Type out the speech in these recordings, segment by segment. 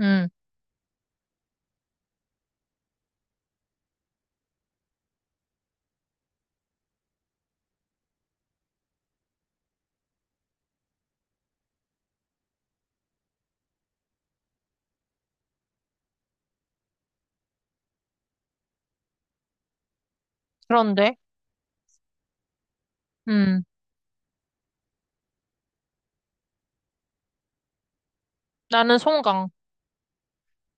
음, 그런데, 음, 나는 송강.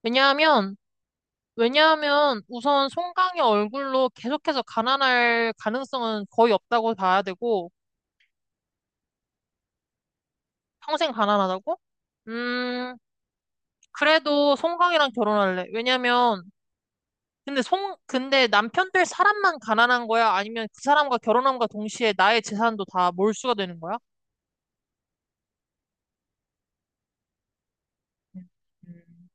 왜냐하면, 왜냐하면 우선 송강의 얼굴로 계속해서 가난할 가능성은 거의 없다고 봐야 되고, 평생 가난하다고? 음, 그래도 송강이랑 결혼할래. 왜냐면, 근데 남편 될 사람만 가난한 거야? 아니면 그 사람과 결혼함과 동시에 나의 재산도 다 몰수가 되는 거야? 음.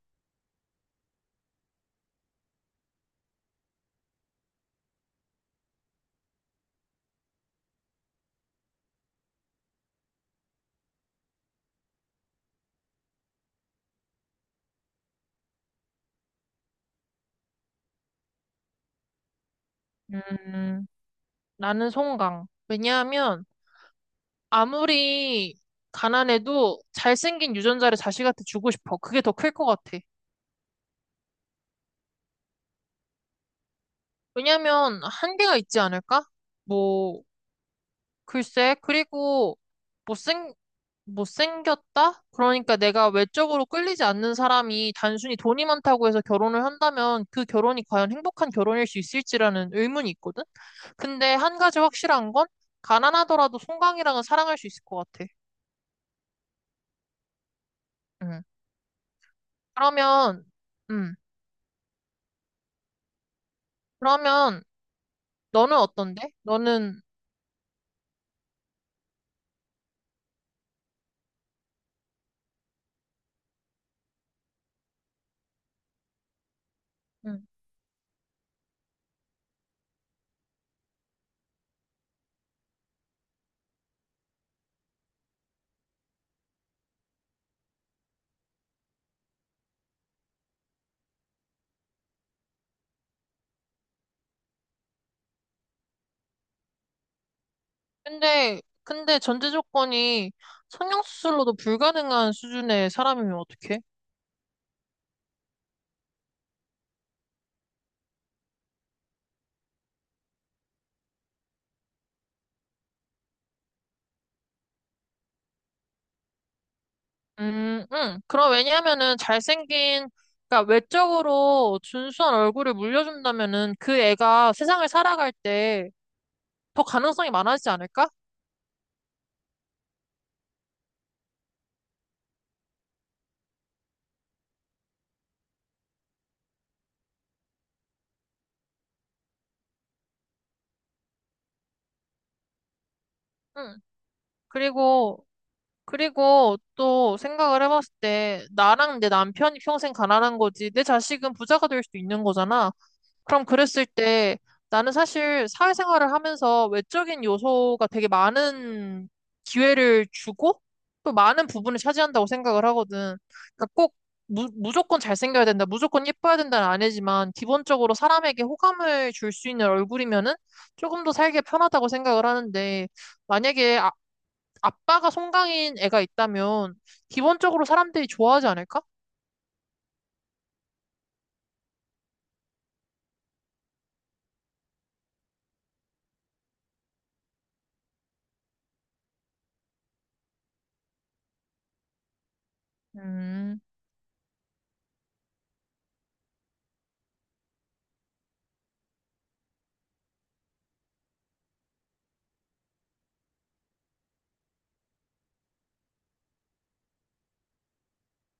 음, 나는 송강. 왜냐하면, 아무리 가난해도 잘생긴 유전자를 자식한테 주고 싶어. 그게 더 클 것 같아. 왜냐면 한계가 있지 않을까? 뭐, 글쎄. 그리고 못생, 못생겼다? 그러니까 내가 외적으로 끌리지 않는 사람이 단순히 돈이 많다고 해서 결혼을 한다면 그 결혼이 과연 행복한 결혼일 수 있을지라는 의문이 있거든? 근데 한 가지 확실한 건 가난하더라도 송강이랑은 사랑할 수 있을 것 같아. 응. 그러면, 음. 그러면 너는 어떤데? 너는, 응. 근데 전제 조건이 성형수술로도 불가능한 수준의 사람이면 어떡해? 응. 그럼 왜냐하면은 그러니까 외적으로 준수한 얼굴을 물려준다면은 그 애가 세상을 살아갈 때 더 가능성이 많아지지 않을까? 응. 그리고, 그리고 또 생각을 해봤을 때 나랑 내 남편이 평생 가난한 거지 내 자식은 부자가 될 수도 있는 거잖아. 그럼 그랬을 때 나는 사실 사회생활을 하면서 외적인 요소가 되게 많은 기회를 주고 또 많은 부분을 차지한다고 생각을 하거든. 그러니까 꼭 무조건 잘생겨야 된다, 무조건 예뻐야 된다는 아니지만 기본적으로 사람에게 호감을 줄 수 있는 얼굴이면은 조금 더 살기 편하다고 생각을 하는데 만약에 아빠가 송강인 애가 있다면 기본적으로 사람들이 좋아하지 않을까? 음,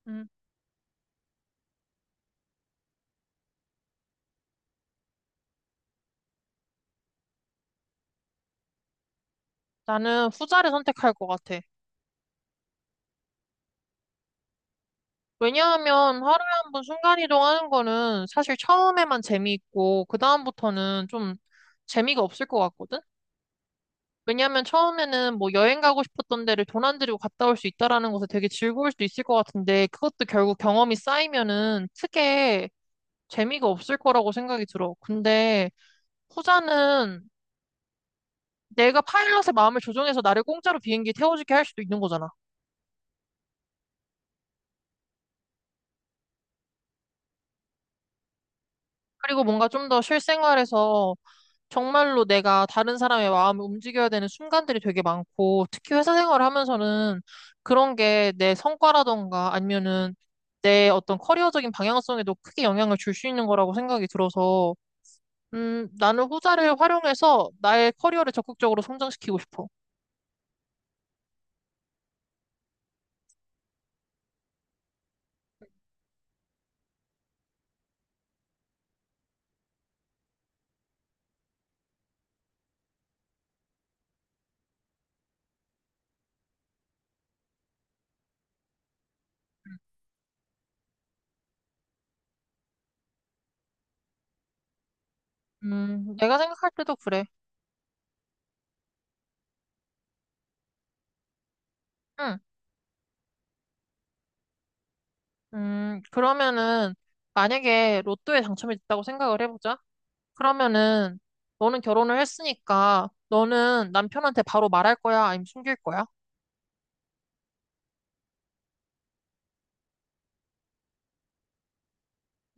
음, 나는 후자를 선택할 것 같아. 왜냐하면 하루에 한 번 순간이동하는 거는 사실 처음에만 재미있고, 그다음부터는 좀 재미가 없을 것 같거든? 왜냐하면 처음에는 뭐 여행 가고 싶었던 데를 돈 안 들이고 갔다 올 수 있다라는 것에 되게 즐거울 수도 있을 것 같은데, 그것도 결국 경험이 쌓이면은 크게 재미가 없을 거라고 생각이 들어. 근데 후자는 내가 파일럿의 마음을 조종해서 나를 공짜로 비행기에 태워주게 할 수도 있는 거잖아. 그리고 뭔가 좀 더 실생활에서 정말로 내가 다른 사람의 마음을 움직여야 되는 순간들이 되게 많고, 특히 회사 생활을 하면서는 그런 게 내 성과라던가 아니면은 내 어떤 커리어적인 방향성에도 크게 영향을 줄 수 있는 거라고 생각이 들어서, 나는 후자를 활용해서 나의 커리어를 적극적으로 성장시키고 싶어. 내가 생각할 때도 그래. 응. 그러면은 만약에 로또에 당첨이 됐다고 생각을 해보자. 그러면은 너는 결혼을 했으니까 너는 남편한테 바로 말할 거야? 아니면 숨길 거야?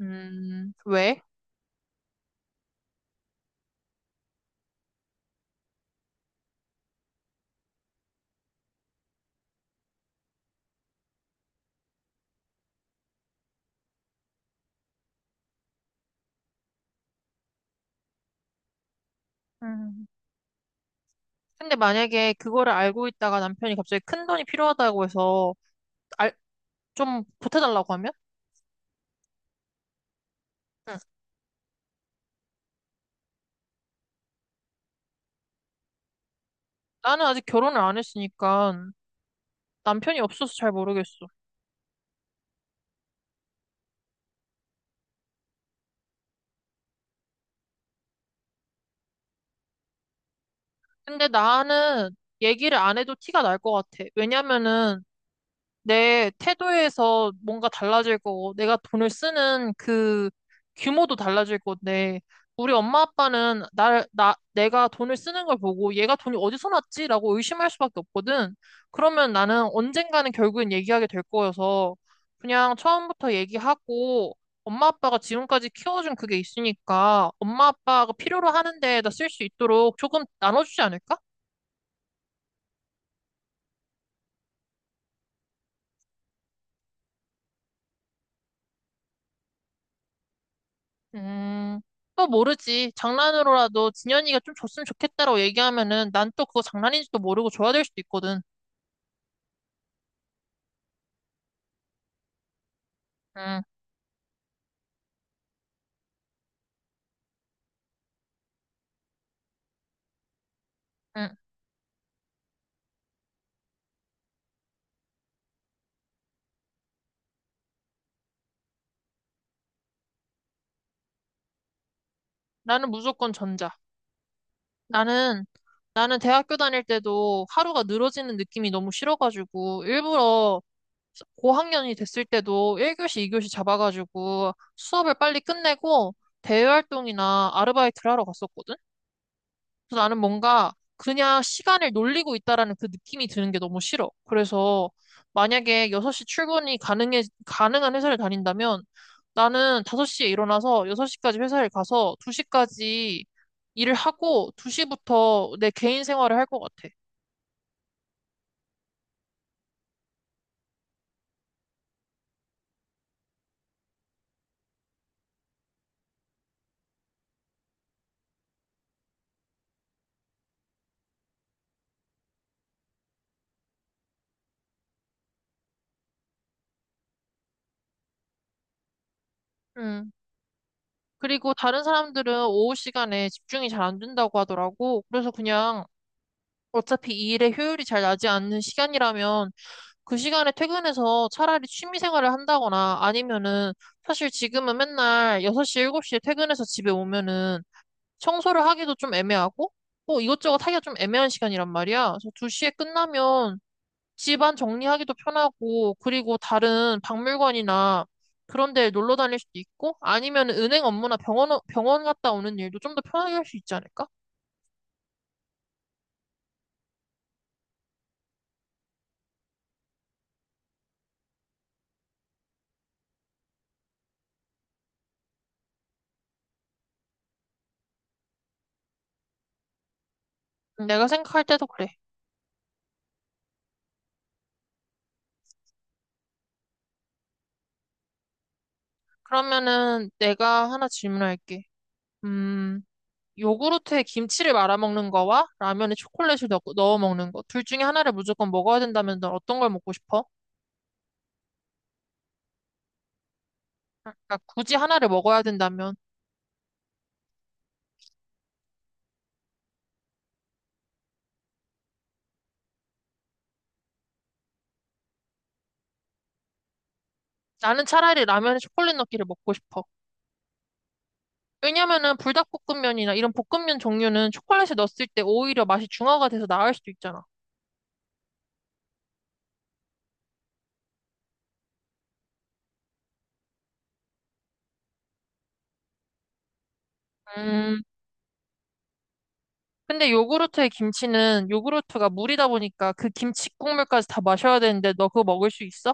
왜? 음. 근데 만약에 그거를 알고 있다가 남편이 갑자기 큰 돈이 필요하다고 해서 알, 좀 보태달라고 하면? 응. 나는 아직 결혼을 안 했으니까 남편이 없어서 잘 모르겠어. 근데 나는 얘기를 안 해도 티가 날 것 같아. 왜냐면은 내 태도에서 뭔가 달라질 거고, 내가 돈을 쓰는 그 규모도 달라질 건데, 우리 엄마 아빠는 내가 돈을 쓰는 걸 보고 얘가 돈이 어디서 났지라고 의심할 수밖에 없거든. 그러면 나는 언젠가는 결국엔 얘기하게 될 거여서 그냥 처음부터 얘기하고 엄마 아빠가 지금까지 키워준 그게 있으니까 엄마 아빠가 필요로 하는 데에다 쓸 수 있도록 조금 나눠주지 않을까? 음, 또 모르지. 장난으로라도 진현이가 좀 줬으면 좋겠다라고 얘기하면은 난 또 그거 장난인지도 모르고 줘야 될 수도 있거든. 응, 응. 나는 무조건 전자. 나는, 나는 대학교 다닐 때도 하루가 늘어지는 느낌이 너무 싫어가지고 일부러 고학년이 됐을 때도 1교시, 2교시 잡아가지고 수업을 빨리 끝내고 대외활동이나 아르바이트를 하러 갔었거든. 그래서 나는 뭔가 그냥 시간을 놀리고 있다라는 그 느낌이 드는 게 너무 싫어. 그래서 만약에 6시 출근이 가능한 회사를 다닌다면 나는 5시에 일어나서 6시까지 회사를 가서 2시까지 일을 하고 2시부터 내 개인 생활을 할 것 같아. 음. 그리고 다른 사람들은 오후 시간에 집중이 잘 안 된다고 하더라고. 그래서 그냥 어차피 이 일의 효율이 잘 나지 않는 시간이라면 그 시간에 퇴근해서 차라리 취미 생활을 한다거나 아니면은 사실 지금은 맨날 6시, 7시에 퇴근해서 집에 오면은 청소를 하기도 좀 애매하고 뭐 이것저것 하기가 좀 애매한 시간이란 말이야. 그래서 2시에 끝나면 집안 정리하기도 편하고 그리고 다른 박물관이나 그런 데 놀러 다닐 수도 있고 아니면 은행 업무나 병원 갔다 오는 일도 좀 더 편하게 할 수 있지 않을까? 내가 생각할 때도 그래. 그러면은 내가 하나 질문할게. 음. 요구르트에 김치를 말아 먹는 거와 라면에 초콜릿을 넣어 먹는 거. 둘 중에 하나를 무조건 먹어야 된다면 넌 어떤 걸 먹고 싶어? 그러니까 굳이 하나를 먹어야 된다면 나는 차라리 라면에 초콜릿 넣기를 먹고 싶어. 왜냐면은 불닭볶음면이나 이런 볶음면 종류는 초콜릿을 넣었을 때 오히려 맛이 중화가 돼서 나을 수도 있잖아. 음, 근데 요구르트에 김치는 요구르트가 물이다 보니까 그 김치 국물까지 다 마셔야 되는데 너 그거 먹을 수 있어?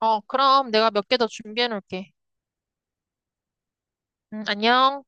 어, 그럼 내가 몇 개 더 준비해 놓을게. 안녕.